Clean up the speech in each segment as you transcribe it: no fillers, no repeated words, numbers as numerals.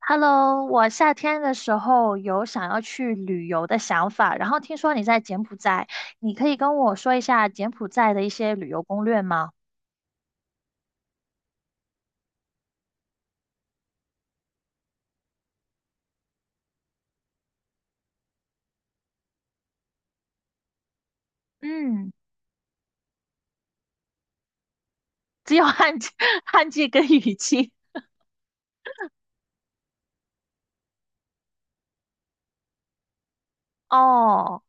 Hello，我夏天的时候有想要去旅游的想法，然后听说你在柬埔寨，你可以跟我说一下柬埔寨的一些旅游攻略吗？嗯，只有旱季、旱季跟雨季。哦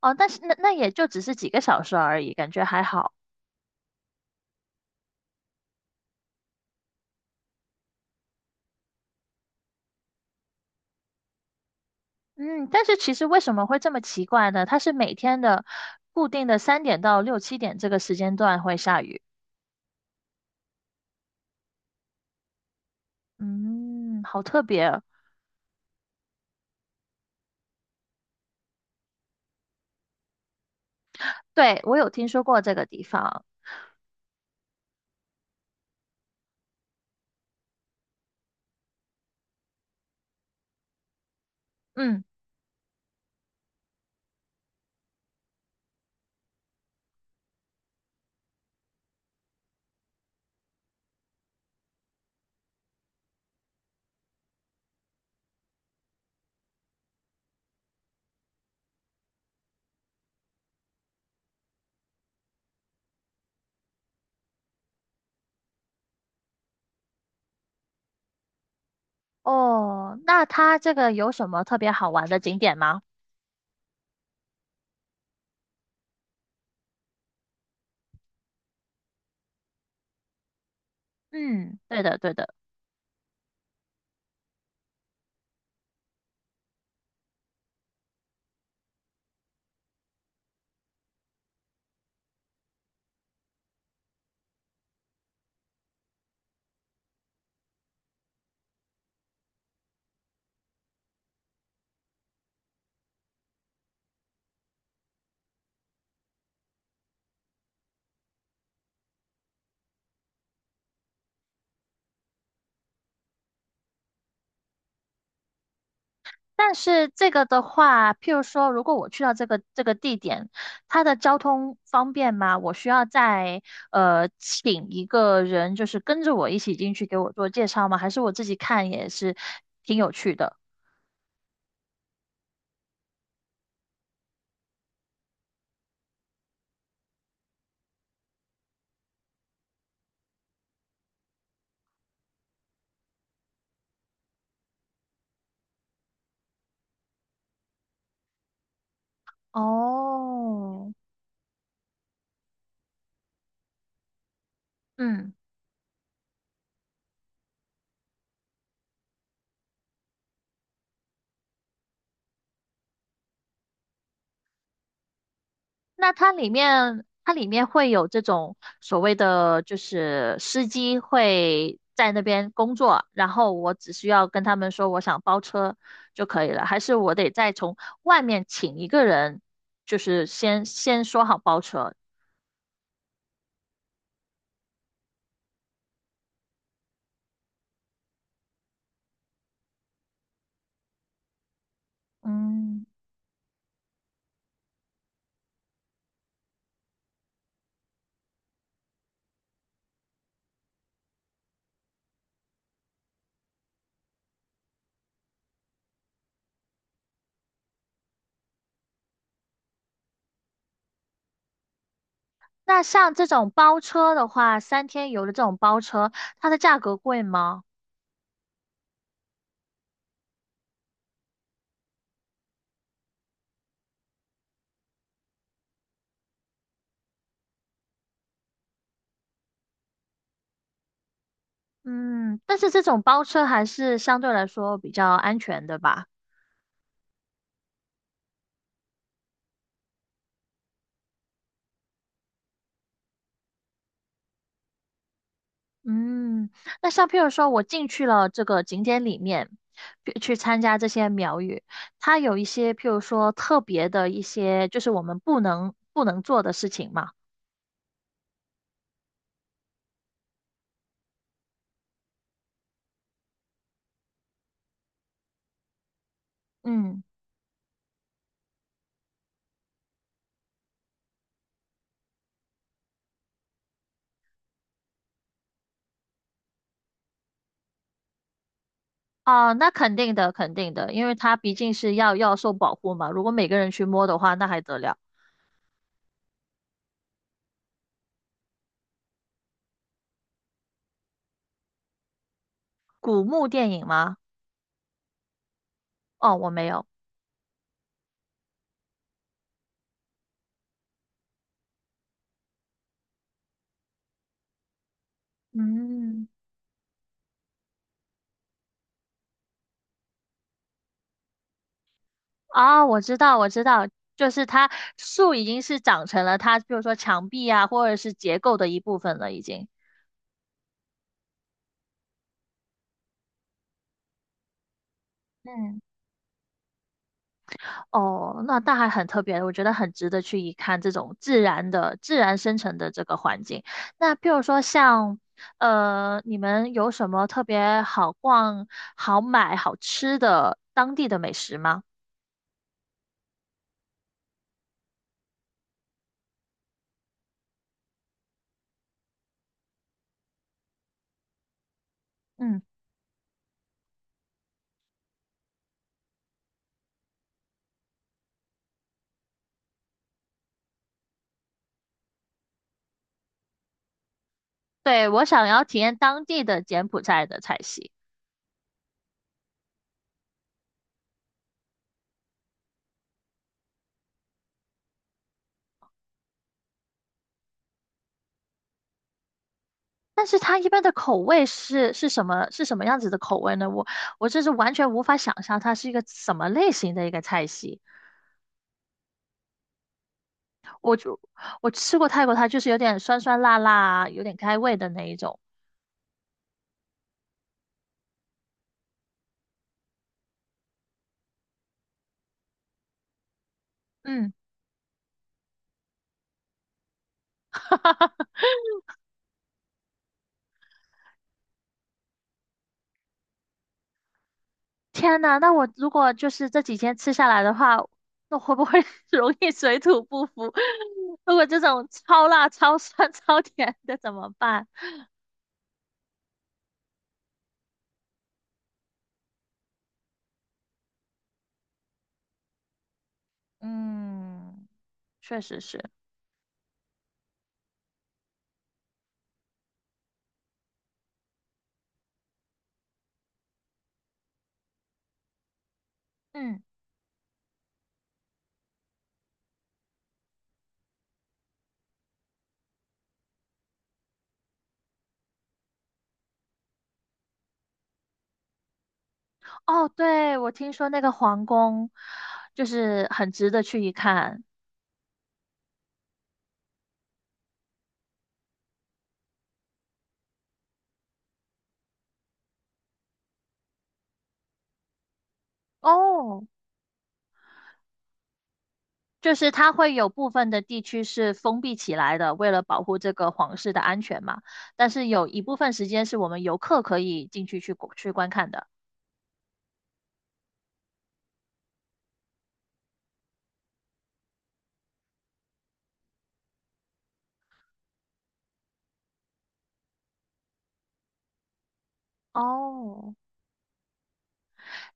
哦，但是那也就只是几个小时而已，感觉还好。嗯，但是其实为什么会这么奇怪呢？它是每天的固定的三点到六七点这个时间段会下雨。嗯，好特别。对，我有听说过这个地方。嗯。哦，那它这个有什么特别好玩的景点吗？嗯，对的，对的。但是这个的话，譬如说，如果我去到这个地点，它的交通方便吗？我需要再请一个人，就是跟着我一起进去给我做介绍吗？还是我自己看也是？哦，嗯。那它里面会有这种所谓的，就是司机会在那边工作，然后我只需要跟他们说我想包车就可以了，还是我得再从外面请一个人，就是先说好包车。嗯，那像这种包车的话，三天游的这种包车，它的价格贵吗？嗯，但是这种包车还是相对来说比较安全的吧。嗯，那像譬如说，我进去了这个景点里面，去参加这些苗语，它有一些譬如说特别的一些，就是我们不能做的事情嘛。嗯，哦，那肯定的，肯定的，因为它毕竟是要受保护嘛。如果每个人去摸的话，那还得了？古墓电影吗？哦，我没有。嗯，啊，我知道，我知道，就是它树已经是长成了它，譬如说墙壁啊，或者是结构的一部分了，已经。嗯。哦，那那还很特别，我觉得很值得去一看这种自然的、自然生成的这个环境。那譬如说像，你们有什么特别好逛、好买、好吃的当地的美食吗？嗯，对，我想要体验当地的柬埔寨的菜系，但是它一般的口味是什么？是什么样子的口味呢？我这是完全无法想象它是一个什么类型的一个菜系。我吃过泰国它就是有点酸酸辣辣啊，有点开胃的那一种。嗯，天呐，那我如果就是这几天吃下来的话，那会不会 容易水土不服？如果这种超辣、超酸、超甜的怎么办？嗯，确实是。嗯，哦，对，我听说那个皇宫就是很值得去一看。哦，就是它会有部分的地区是封闭起来的，为了保护这个皇室的安全嘛。但是有一部分时间是我们游客可以进去观看的。哦，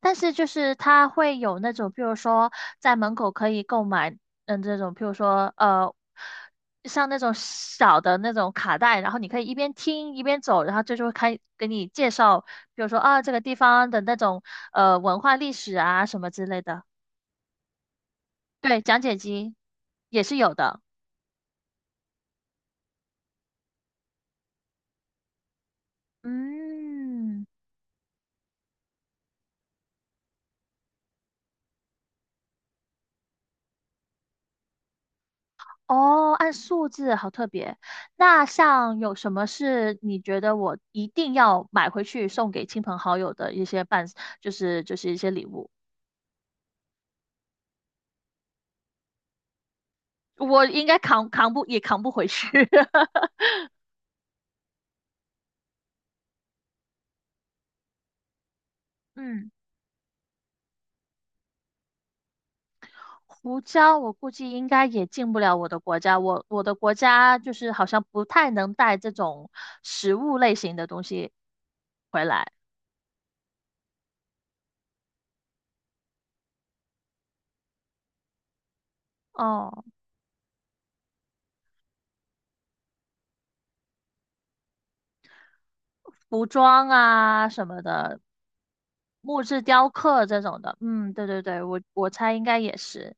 但是就是它会有那种，比如说在门口可以购买，嗯，这种，比如说像那种小的那种卡带，然后你可以一边听一边走，然后这就会开给你介绍，比如说啊这个地方的那种文化历史啊什么之类的。对，讲解机也是有的。嗯，哦，按数字，好特别。那像有什么是你觉得我一定要买回去送给亲朋好友的一些伴，就是一些礼物，我应该扛不回去。嗯，胡椒我估计应该也进不了我的国家，我的国家就是好像不太能带这种食物类型的东西回来。哦，服装啊什么的，木质雕刻这种的，嗯，对对对，我猜应该也是。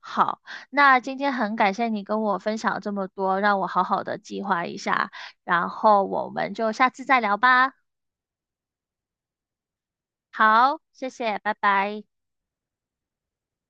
好，那今天很感谢你跟我分享这么多，让我好好的计划一下，然后我们就下次再聊吧。好，谢谢，拜拜。